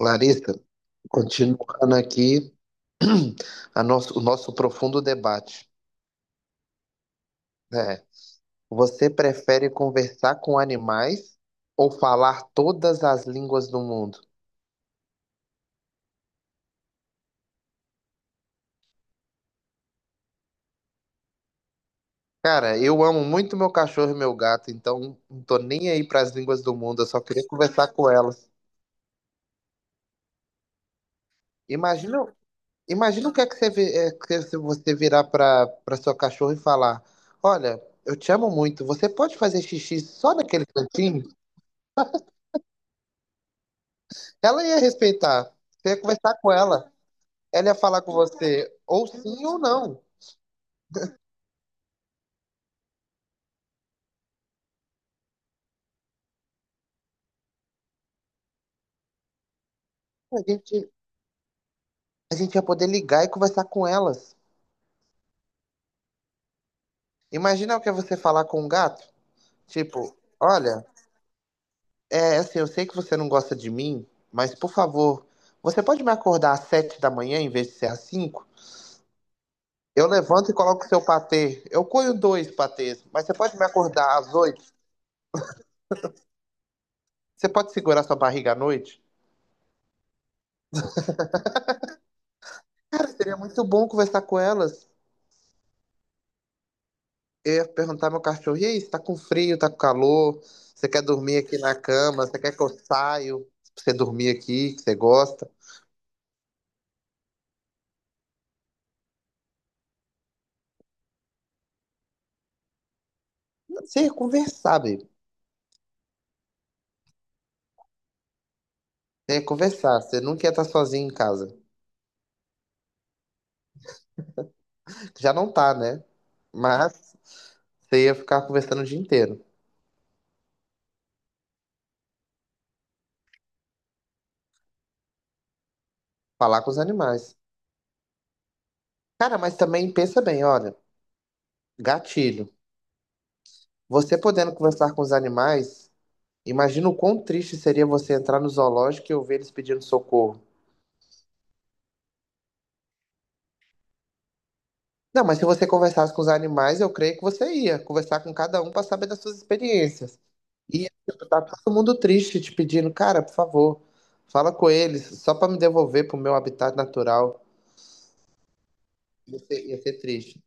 Larissa, continuando aqui o nosso profundo debate. Né? Você prefere conversar com animais ou falar todas as línguas do mundo? Cara, eu amo muito meu cachorro e meu gato, então não tô nem aí para as línguas do mundo, eu só queria conversar com elas. Imagina, imagina o que é que que é se você virar para sua cachorra e falar: olha, eu te amo muito, você pode fazer xixi só naquele cantinho? Ela ia respeitar. Você ia conversar com ela. Ela ia falar com você, ou sim ou não. A gente, a gente ia poder ligar e conversar com elas. Imagina o que é você falar com um gato. Tipo, olha, é assim, eu sei que você não gosta de mim, mas por favor, você pode me acordar às 7 da manhã em vez de ser às 5? Eu levanto e coloco seu patê. Eu coio dois patês, mas você pode me acordar às 8? Você pode segurar sua barriga à noite? Cara, seria muito bom conversar com elas. Eu ia perguntar ao meu cachorro, e aí, você tá com frio, tá com calor? Você quer dormir aqui na cama? Você quer que eu saio pra você dormir aqui, que você gosta? Você ia conversar, baby. Você ia conversar, você nunca ia estar sozinho em casa. Já não tá, né? Mas você ia ficar conversando o dia inteiro, falar com os animais. Cara, mas também pensa bem, olha, gatilho. Você podendo conversar com os animais, imagina o quão triste seria você entrar no zoológico e ouvir eles pedindo socorro. Não, mas se você conversasse com os animais, eu creio que você ia conversar com cada um para saber das suas experiências. E tipo, tá todo mundo triste te pedindo, cara, por favor, fala com eles, só para me devolver pro meu habitat natural. Você ia ser triste.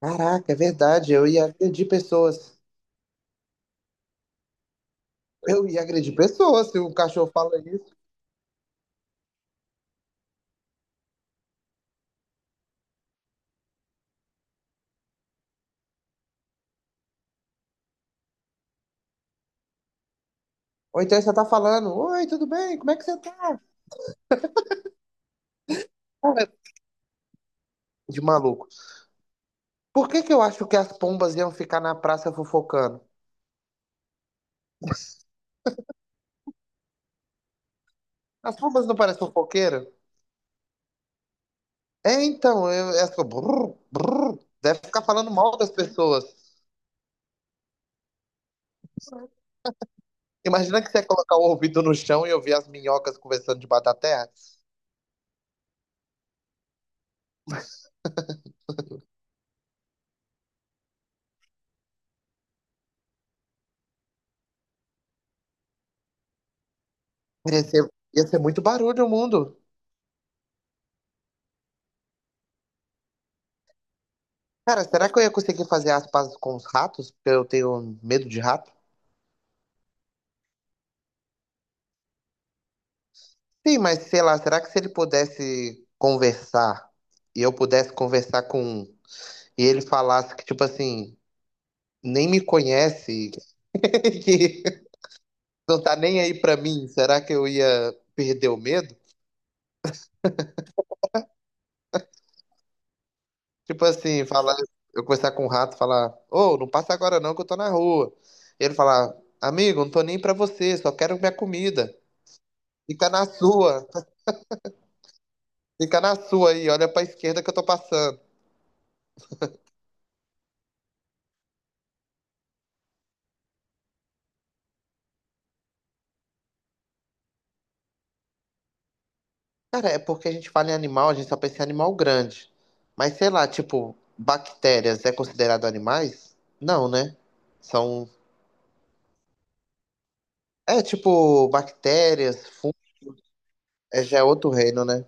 Caraca, é verdade, eu ia agredir pessoas. Eu ia agredir pessoas se um cachorro fala isso. Ou então você tá falando, oi, tudo bem? Como é que você tá? Cara, de maluco. Por que que eu acho que as pombas iam ficar na praça fofocando? As pombas não parecem fofoqueiras? É, então, eu, é assim, eu fico, brrr, brrr. Deve ficar falando mal das pessoas. Imagina que você ia colocar o ouvido no chão e ouvir as minhocas conversando debaixo da terra. Ia ser, ia ser muito barulho o mundo. Cara, será que eu ia conseguir fazer as pazes com os ratos? Porque eu tenho medo de rato. Sim, mas sei lá, será que se ele pudesse conversar e eu pudesse conversar com um, e ele falasse que, tipo assim, nem me conhece, que não tá nem aí pra mim, será que eu ia perder o medo? Tipo assim, falar, eu conversar com um rato, falar, ô, não passa agora não, que eu tô na rua. E ele falar, amigo, não tô nem pra você, só quero minha comida. Fica na sua, fica na sua aí, olha pra esquerda que eu tô passando. Cara, é porque a gente fala em animal, a gente só pensa em animal grande. Mas sei lá, tipo, bactérias é considerado animais? Não, né? São. É tipo, bactérias, fungos, é, já é outro reino, né?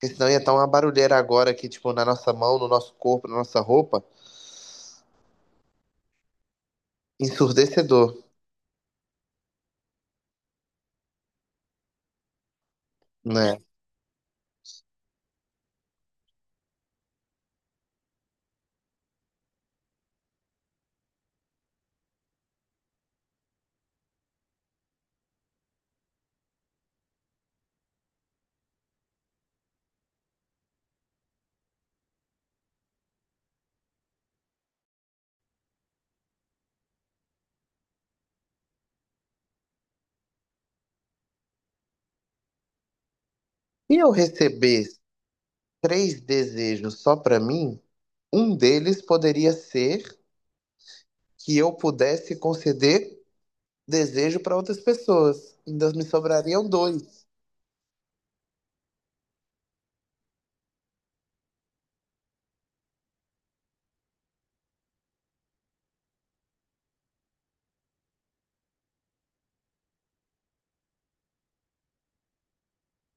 Porque senão ia estar uma barulheira agora aqui, tipo, na nossa mão, no nosso corpo, na nossa roupa. Ensurdecedor, né? Se eu receber três desejos só para mim, um deles poderia ser que eu pudesse conceder desejo para outras pessoas. Ainda me sobrariam dois.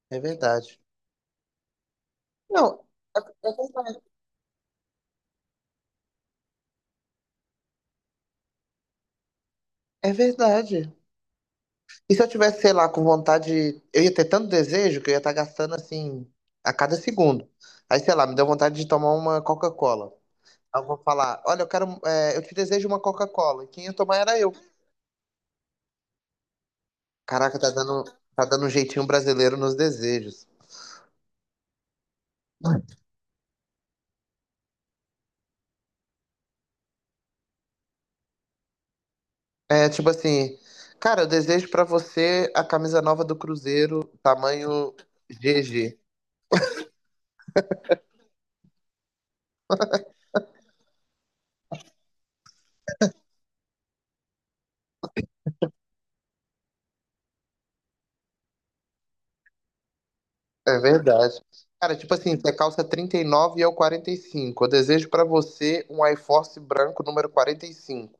É verdade. Não, é é verdade. É verdade. E se eu tivesse, sei lá, com vontade, eu ia ter tanto desejo que eu ia estar gastando assim a cada segundo. Aí, sei lá, me deu vontade de tomar uma Coca-Cola. Aí eu vou falar, olha, eu quero, é, eu te desejo uma Coca-Cola. E quem ia tomar era eu. Caraca, tá dando um jeitinho brasileiro nos desejos. É, tipo assim, cara, eu desejo pra você a camisa nova do Cruzeiro, tamanho GG. É verdade. Cara, tipo assim, você calça 39 e eu 45. Eu desejo pra você um iForce branco número 45.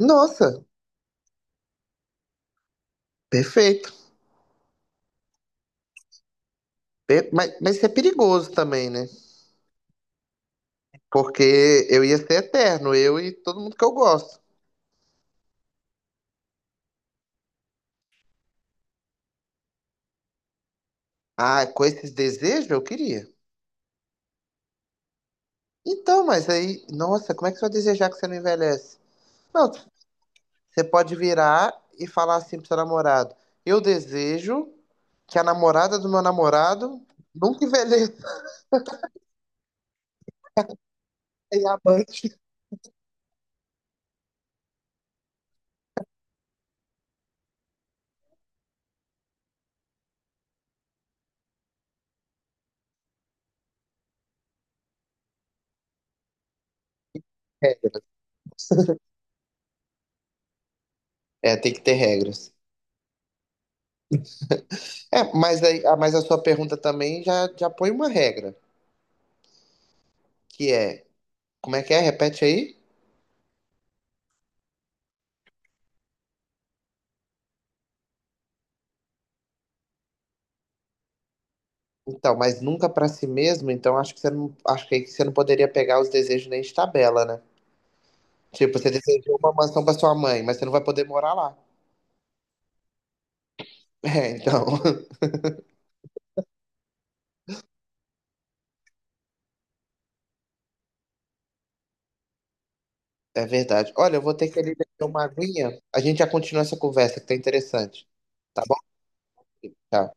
Nossa, perfeito. Mas isso é perigoso também, né? Porque eu ia ser eterno, eu e todo mundo que eu gosto. Ah, com esses desejos eu queria. Então, mas aí, nossa, como é que você vai desejar que você não envelhece? Não, você pode virar e falar assim pro seu namorado: eu desejo que a namorada do meu namorado nunca envelheça e a mãe. Que é. É, tem que ter regras. É, mas aí, ah, mas a sua pergunta também já põe uma regra, que é, como é que é? Repete aí. Então, mas nunca pra si mesmo, então acho que você não, acho que aí você não poderia pegar os desejos nem de tabela, né? Tipo, você desejou uma mansão pra sua mãe, mas você não vai poder morar lá. É, então, é verdade. Olha, eu vou ter que ali beber uma aguinha. A gente já continua essa conversa, que tá interessante. Tá bom? Tchau.